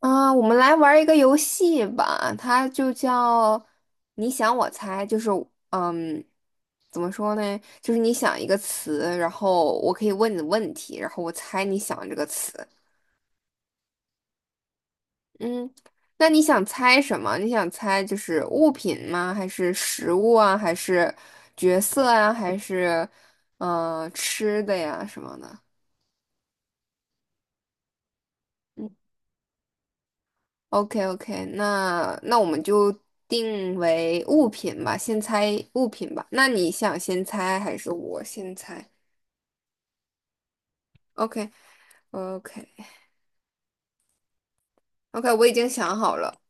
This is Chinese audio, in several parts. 啊，我们来玩儿一个游戏吧，它就叫"你想我猜"，就是嗯，怎么说呢？就是你想一个词，然后我可以问你问题，然后我猜你想这个词。嗯，那你想猜什么？你想猜就是物品吗？还是食物啊？还是角色啊？还是吃的呀什么的？嗯。OK OK，那我们就定为物品吧，先猜物品吧。那你想先猜还是我先猜？OK OK OK，我已经想好了。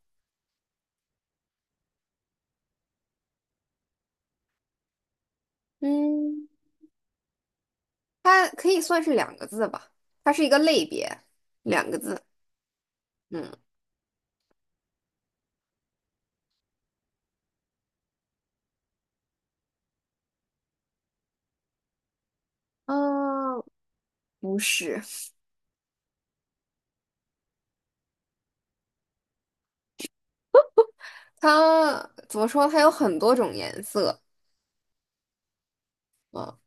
嗯，它可以算是两个字吧，它是一个类别，两个字。嗯啊，呃不是，它怎么说？它有很多种颜色啊，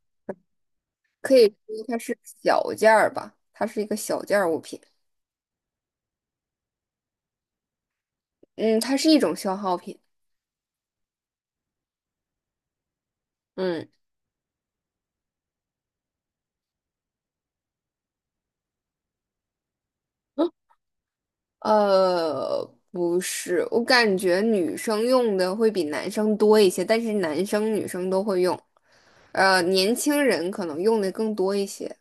可以说它是小件儿吧，它是一个小件儿物品。嗯，它是一种消耗品。嗯。呃，不是，我感觉女生用的会比男生多一些，但是男生女生都会用，年轻人可能用的更多一些。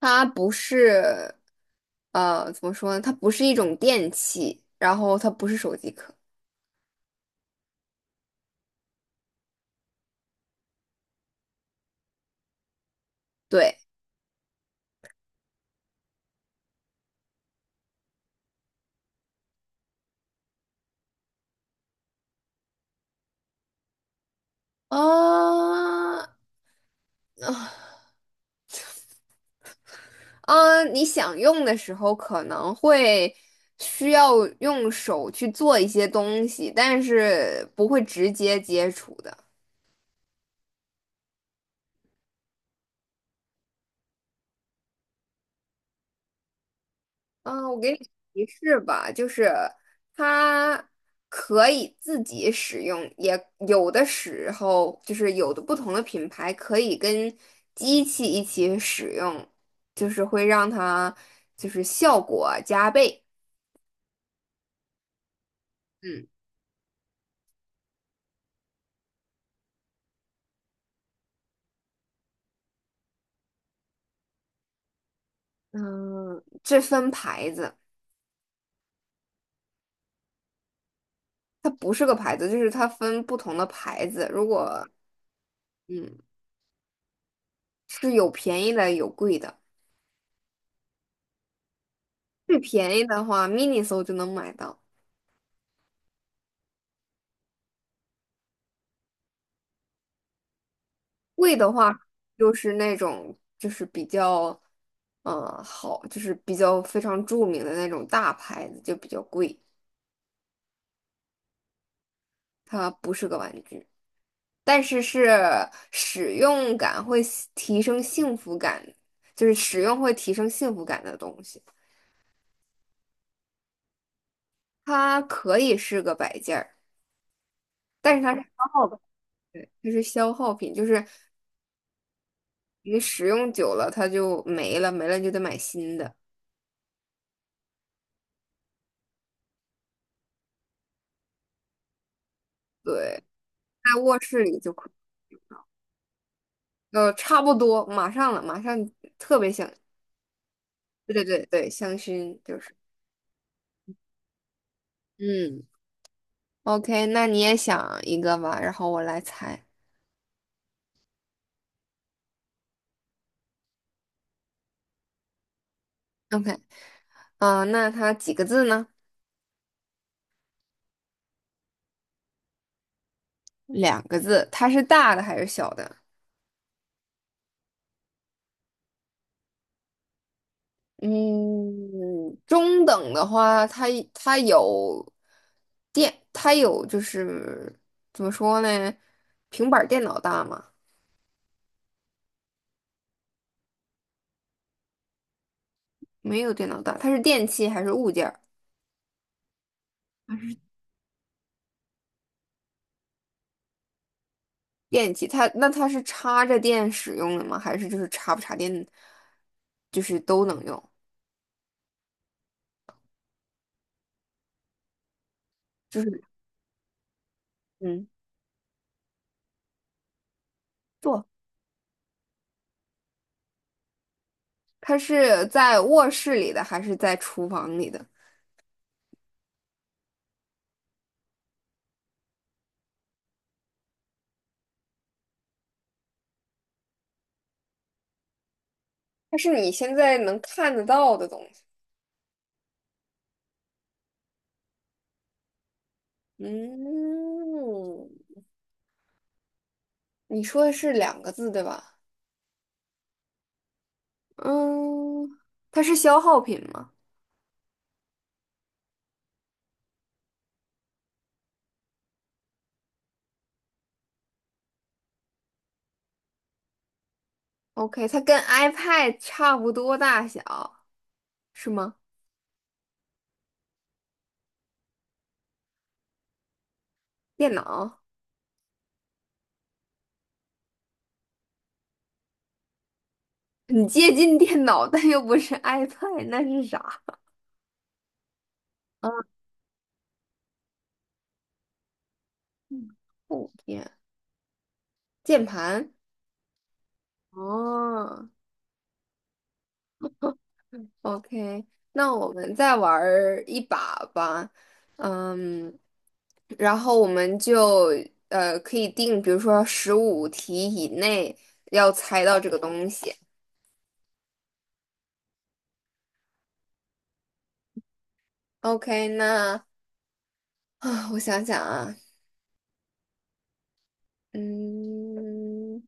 它不是，怎么说呢？它不是一种电器，然后它不是手机壳，对，啊你想用的时候可能会需要用手去做一些东西，但是不会直接接触的。嗯，我给你提示吧，就是它可以自己使用，也有的时候就是有的不同的品牌可以跟机器一起使用，就是会让它就是效果加倍。嗯嗯，这分牌子，它不是个牌子，就是它分不同的牌子。如果嗯是有便宜的有贵的，最便宜的话，Miniso 就能买到。贵的话，就是那种就是比较，好，就是比较非常著名的那种大牌子就比较贵，它不是个玩具，但是是使用感会喜提升幸福感，就是使用会提升幸福感的东西。它可以是个摆件儿，但是它是消耗品，它是消耗品，就是你使用久了它就没了，没了你就得买新的。对，在卧室里就可。差不多，马上了，马上特别想，对对对对，香薰就是，嗯，OK，那你也想一个吧，然后我来猜，OK，啊，那它几个字呢？两个字，它是大的还是小的？嗯，中等的话，它有电，它有就是怎么说呢？平板儿电脑大吗？没有电脑大，它是电器还是物件儿电器，它那它是插着电使用的吗？还是就是插不插电，就是都能用？就是嗯，坐，它是在卧室里的还是在厨房里的？它是你现在能看得到的东西。嗯，你说的是两个字对吧？嗯，它是消耗品吗？OK，它跟 iPad 差不多大小，是吗？电脑，很接近电脑，但又不是 iPad，那是啥？啊。嗯后天键盘哦，OK，那我们再玩儿一把吧，嗯，然后我们就可以定，比如说15题以内要猜到这个东西。OK，那啊，我想想啊，嗯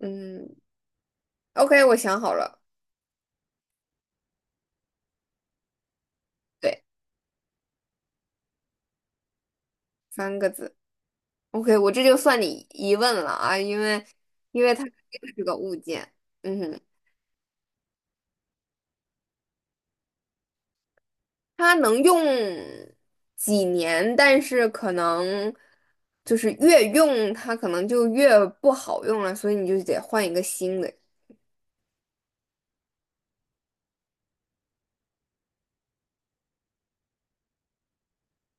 嗯，OK，我想好了，对，三个字。OK，我这就算你一问了啊，因为它是这个物件，嗯哼。它能用几年，但是可能就是越用它可能就越不好用了，所以你就得换一个新的。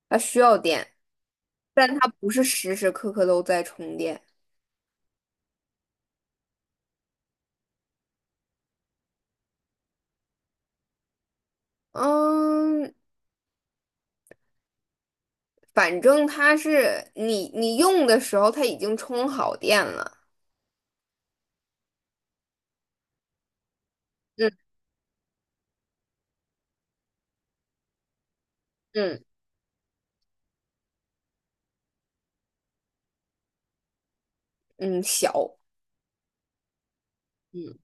它需要电，但它不是时时刻刻都在充电。嗯，反正它是你用的时候它已经充好电了。嗯嗯嗯，小，嗯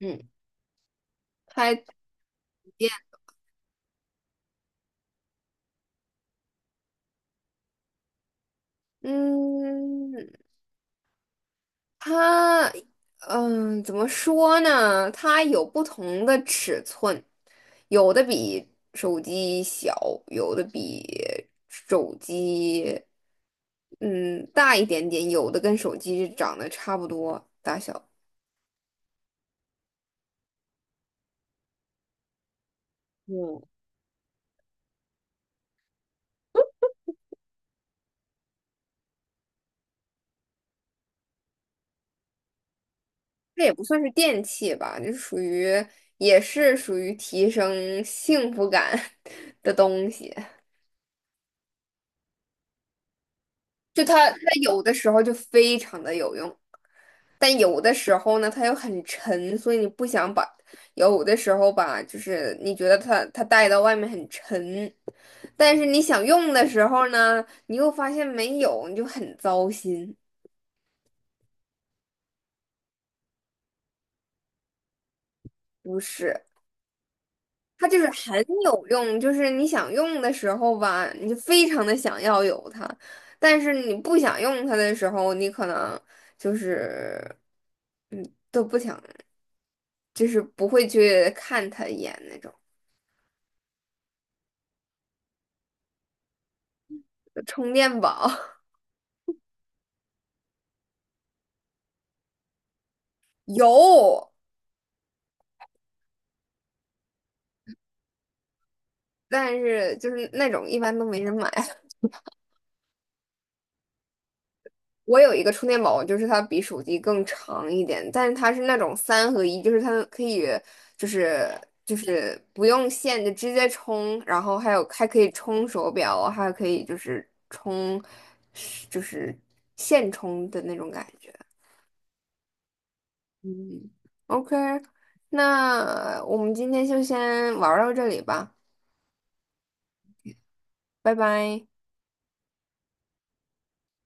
嗯，它不电嗯。它，怎么说呢？它有不同的尺寸，有的比手机小，有的比手机嗯大一点点，有的跟手机长得差不多大小。嗯，这也不算是电器吧，就属于也是属于提升幸福感 的东西。就它有的时候就非常的有用。但有的时候呢，它又很沉，所以你不想把，有的时候吧，就是你觉得它带到外面很沉，但是你想用的时候呢，你又发现没有，你就很糟心。不是，它就是很有用，就是你想用的时候吧，你就非常的想要有它，但是你不想用它的时候，你可能就是嗯都不想，就是不会去看它一眼那种，就充电宝。有，但是就是那种一般都没人买。我有一个充电宝，就是它比手机更长一点，但是它是那种三合一，就是它可以就是就是不用线就直接充，然后还有还可以充手表，还可以就是充就是线充的那种感觉。嗯，OK，那我们今天就先玩儿到这里吧，拜拜。